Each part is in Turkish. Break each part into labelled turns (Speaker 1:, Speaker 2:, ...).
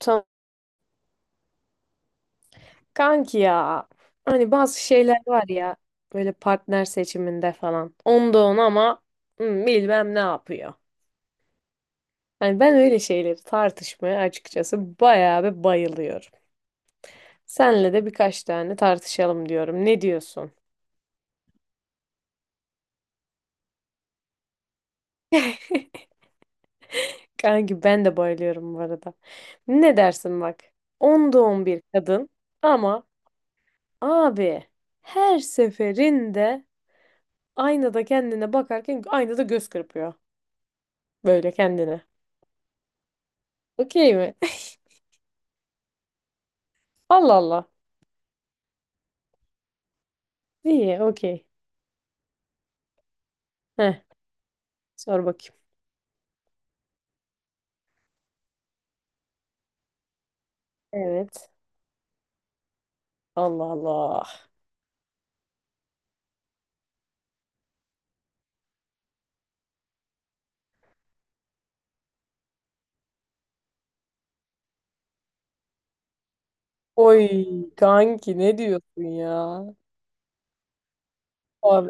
Speaker 1: Tamam. Kanki ya. Hani bazı şeyler var ya. Böyle partner seçiminde falan. Onda on ama bilmem ne yapıyor. Hani ben öyle şeyleri tartışmaya açıkçası bayağı bir bayılıyorum. Senle de birkaç tane tartışalım diyorum. Ne diyorsun? Kanki ben de bayılıyorum bu arada. Ne dersin bak? Onda on bir kadın ama abi her seferinde aynada kendine bakarken aynada göz kırpıyor. Böyle kendine. Okey mi? Allah Allah. İyi, okey. Heh, sor bakayım. Evet. Allah Allah. Oy kanki ne diyorsun ya? Abi,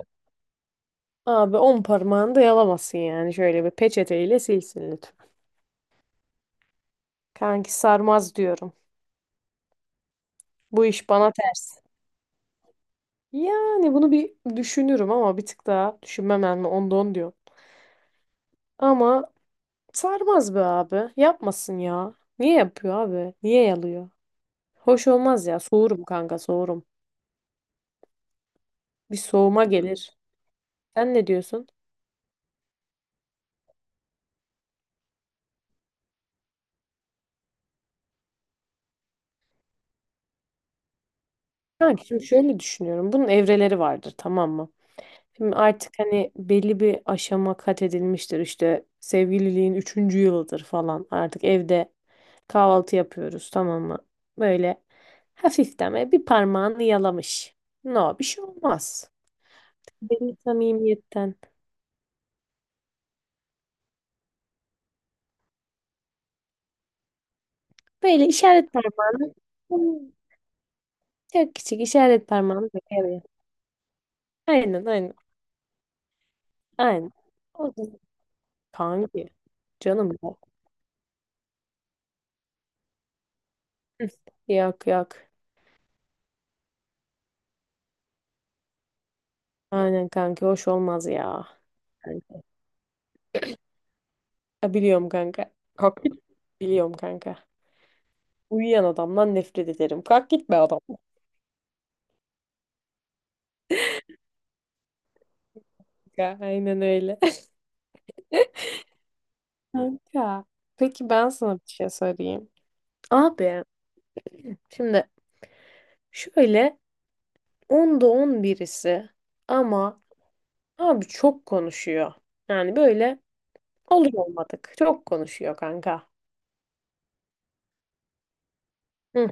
Speaker 1: abi on parmağını da yalamasın yani. Şöyle bir peçeteyle silsin lütfen. Kanki sarmaz diyorum. Bu iş bana ters. Yani bunu bir düşünürüm ama bir tık daha düşünmem yani onda on diyor. Ama sarmaz be abi. Yapmasın ya. Niye yapıyor abi? Niye yalıyor? Hoş olmaz ya. Soğurum kanka soğurum. Bir soğuma gelir. Sen ne diyorsun? Kanka şimdi şöyle düşünüyorum. Bunun evreleri vardır tamam mı? Şimdi artık hani belli bir aşama kat edilmiştir. İşte sevgililiğin üçüncü yılıdır falan. Artık evde kahvaltı yapıyoruz tamam mmı? Böyle hafiften böyle bir parmağını yalamış. No bir şey olmaz. Belli samimiyetten. Böyle işaret parmağını hmm, çok küçük işaret parmağını böyle yalıyor. Aynen aynen. Aynen. O da- Kanki. Canım ya. Hı, yok yok. Aynen kanka hoş olmaz ya. Kanka. Ya biliyorum kanka. Kalk git. Biliyorum kanka. Uyuyan adamdan nefret ederim. Kalk gitme adam. Kanka, aynen öyle. Kanka. Peki ben sana bir şey sorayım. Abi şimdi şöyle 10'da 10 birisi ama abi çok konuşuyor. Yani böyle olur olmadık. Çok konuşuyor kanka. Hı.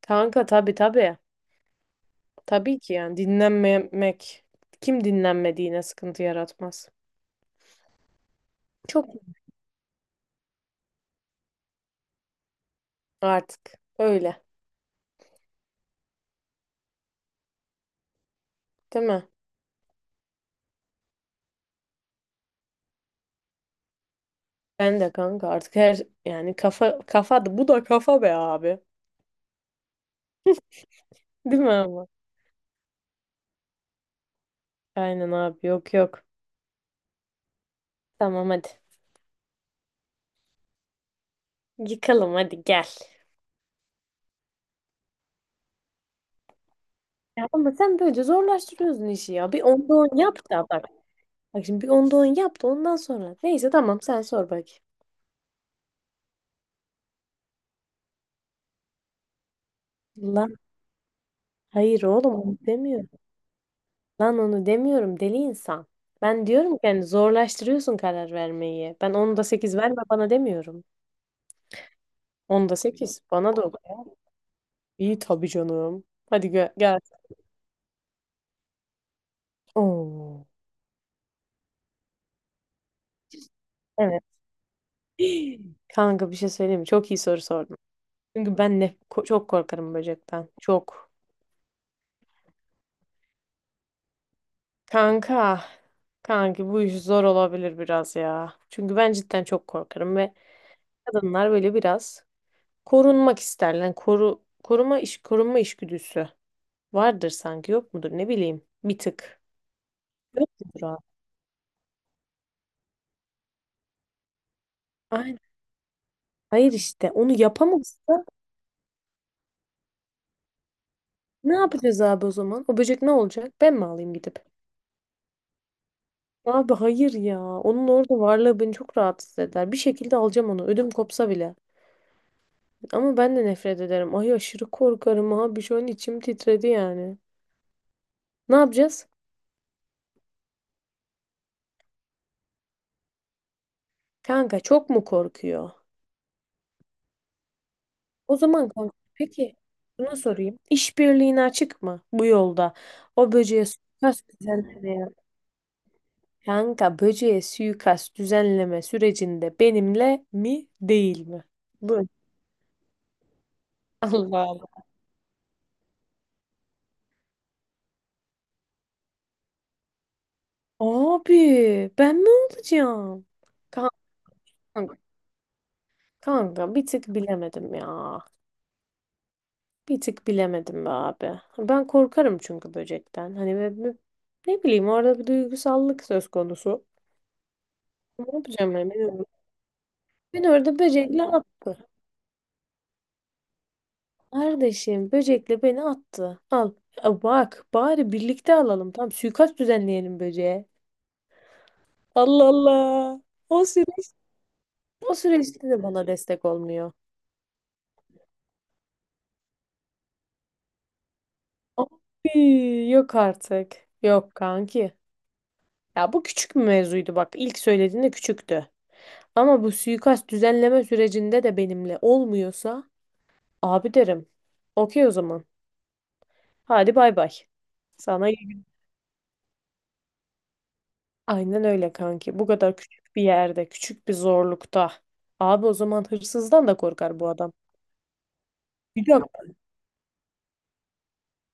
Speaker 1: Kanka tabii tabii. Tabii ki yani dinlenmemek kim dinlenmediğine sıkıntı yaratmaz. Çok Artık öyle, değil mi? Ben de kanka artık her yani kafa kafa da bu da kafa be abi. Değil mi ama? Aynen abi yok yok. Tamam hadi. Yıkalım hadi gel. Ya ama sen böylece zorlaştırıyorsun işi ya. Bir onda on yap da bak. Bak şimdi bir onda on yap da ondan sonra. Neyse tamam sen sor bak. Lan hayır oğlum onu demiyorum. Lan onu demiyorum deli insan. Ben diyorum ki yani zorlaştırıyorsun karar vermeyi. Ben onda sekiz verme bana demiyorum. Onda sekiz bana da o. İyi tabii canım. Hadi gel. Oo. Evet. Kanka bir şey söyleyeyim mi? Çok iyi soru sordun. Çünkü ben çok korkarım böcekten. Çok. Kanka. Kanki bu iş zor olabilir biraz ya. Çünkü ben cidden çok korkarım ve kadınlar böyle biraz korunmak isterler. Yani koru koruma iş korunma işgüdüsü vardır sanki yok mudur ne bileyim bir tık. Yok mudur abi? Aynen. Hayır işte onu yapamazsa ne yapacağız abi o zaman? O böcek ne olacak? Ben mi alayım gidip? Abi hayır ya. Onun orada varlığı beni çok rahatsız eder. Bir şekilde alacağım onu. Ödüm kopsa bile. Ama ben de nefret ederim. Ay aşırı korkarım abi. Şu an içim titredi yani. Ne yapacağız? Kanka çok mu korkuyor? O zaman kanka peki şunu sorayım. İşbirliğine açık mı bu yolda? O böceğe suikast düzenlemeye. Kanka böceğe suikast düzenleme sürecinde benimle mi değil mi? Bu. Allah Allah. Abi ben ne olacağım? Kanka. Kanka bir tık bilemedim ya. Bir tık bilemedim be abi. Ben korkarım çünkü böcekten. Hani ne bileyim orada bir duygusallık söz konusu. Ne yapacağım ben bilmiyorum. Beni orada böcekle attı. Kardeşim böcekle beni attı. Al. Ya bak bari birlikte alalım. Tamam suikast düzenleyelim böceğe. Allah Allah. O süreç, o süreçte de bana destek olmuyor. Abi, yok artık. Yok kanki. Ya bu küçük bir mevzuydu bak. İlk söylediğinde küçüktü. Ama bu suikast düzenleme sürecinde de benimle olmuyorsa abi derim. Okey o zaman. Hadi bay bay. Sana iyi gün- Aynen öyle kanki. Bu kadar küçük bir yerde, küçük bir zorlukta. Abi o zaman hırsızdan da korkar bu adam. Bir dakika.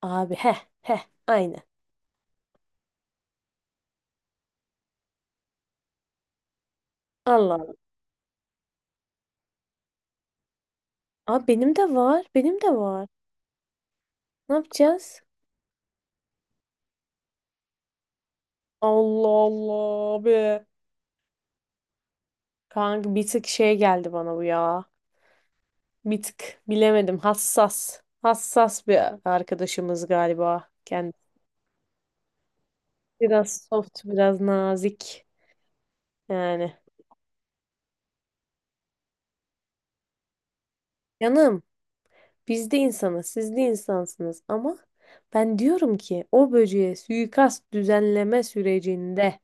Speaker 1: Abi heh heh aynen. Allah Allah. Abi benim de var. Benim de var. Ne yapacağız? Allah Allah abi. Kanka bir tık şey geldi bana bu ya. Bir tık bilemedim. Hassas. Hassas bir arkadaşımız galiba. Kendisi biraz soft, biraz nazik. Yani canım biz de insanız, siz de insansınız ama ben diyorum ki o böceğe suikast düzenleme sürecinde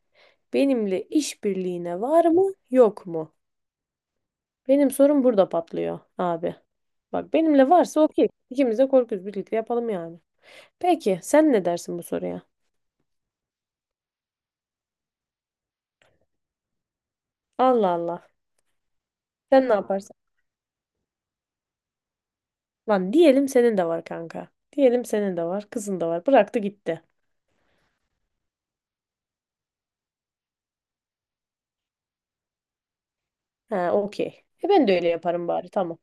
Speaker 1: benimle işbirliğine var mı, yok mu? Benim sorum burada patlıyor abi. Bak benimle varsa okey. İkimiz de korkuyuz birlikte yapalım yani. Peki sen ne dersin bu soruya? Allah Allah. Sen ne yaparsın? Lan diyelim senin de var kanka. Diyelim senin de var, kızın da var. Bıraktı gitti. Ha, okey. E ben de öyle yaparım bari tamam.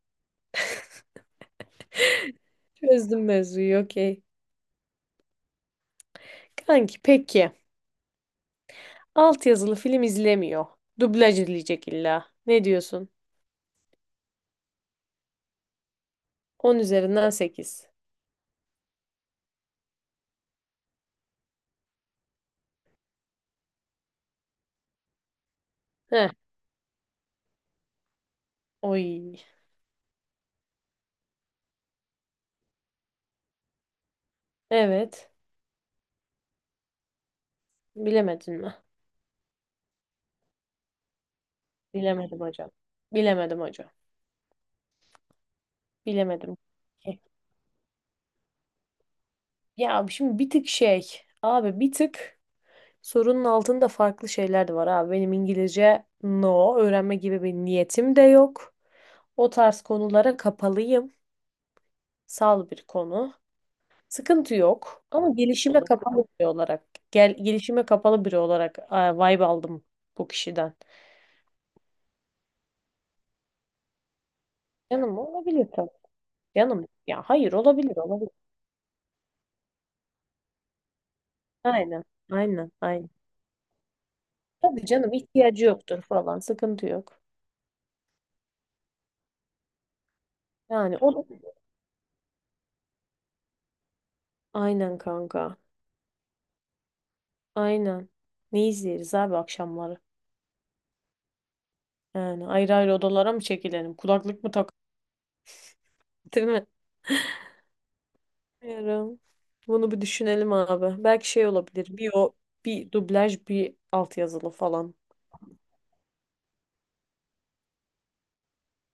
Speaker 1: Çözdüm mevzuyu okey. Kanki peki. Alt yazılı film izlemiyor. Dublaj izleyecek illa. Ne diyorsun? On üzerinden sekiz. Heh. Oy. Evet. Bilemedin mi? Bilemedim hocam. Bilemedim hocam. Bilemedim. Ya şimdi bir tık şey. Abi bir tık sorunun altında farklı şeyler de var abi. Benim İngilizce no öğrenme gibi bir niyetim de yok. O tarz konulara kapalıyım. Sal bir konu. Sıkıntı yok. Ama gelişime kapalı biri olarak, gelişime kapalı biri olarak vibe aldım bu kişiden. Canım olabilir tabii. Canım ya hayır olabilir olabilir. Aynen. Aynen. Aynen. Tabii canım ihtiyacı yoktur falan. Sıkıntı yok. Yani o aynen kanka. Aynen. Ne izleriz abi akşamları? Yani ayrı ayrı odalara mı çekilelim? Kulaklık mı takalım? Değil mi? Bilmiyorum. Bunu bir düşünelim abi. Belki şey olabilir. Bir o, bir dublaj, bir altyazılı falan.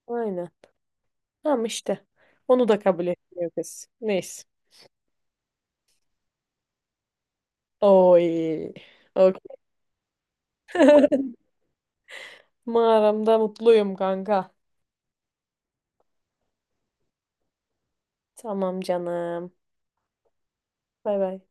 Speaker 1: Aynen. Tamam işte. Onu da kabul etmiyor kız. Neyse. Oy. Okay. Mağaramda mutluyum kanka. Tamam canım. Bay bay.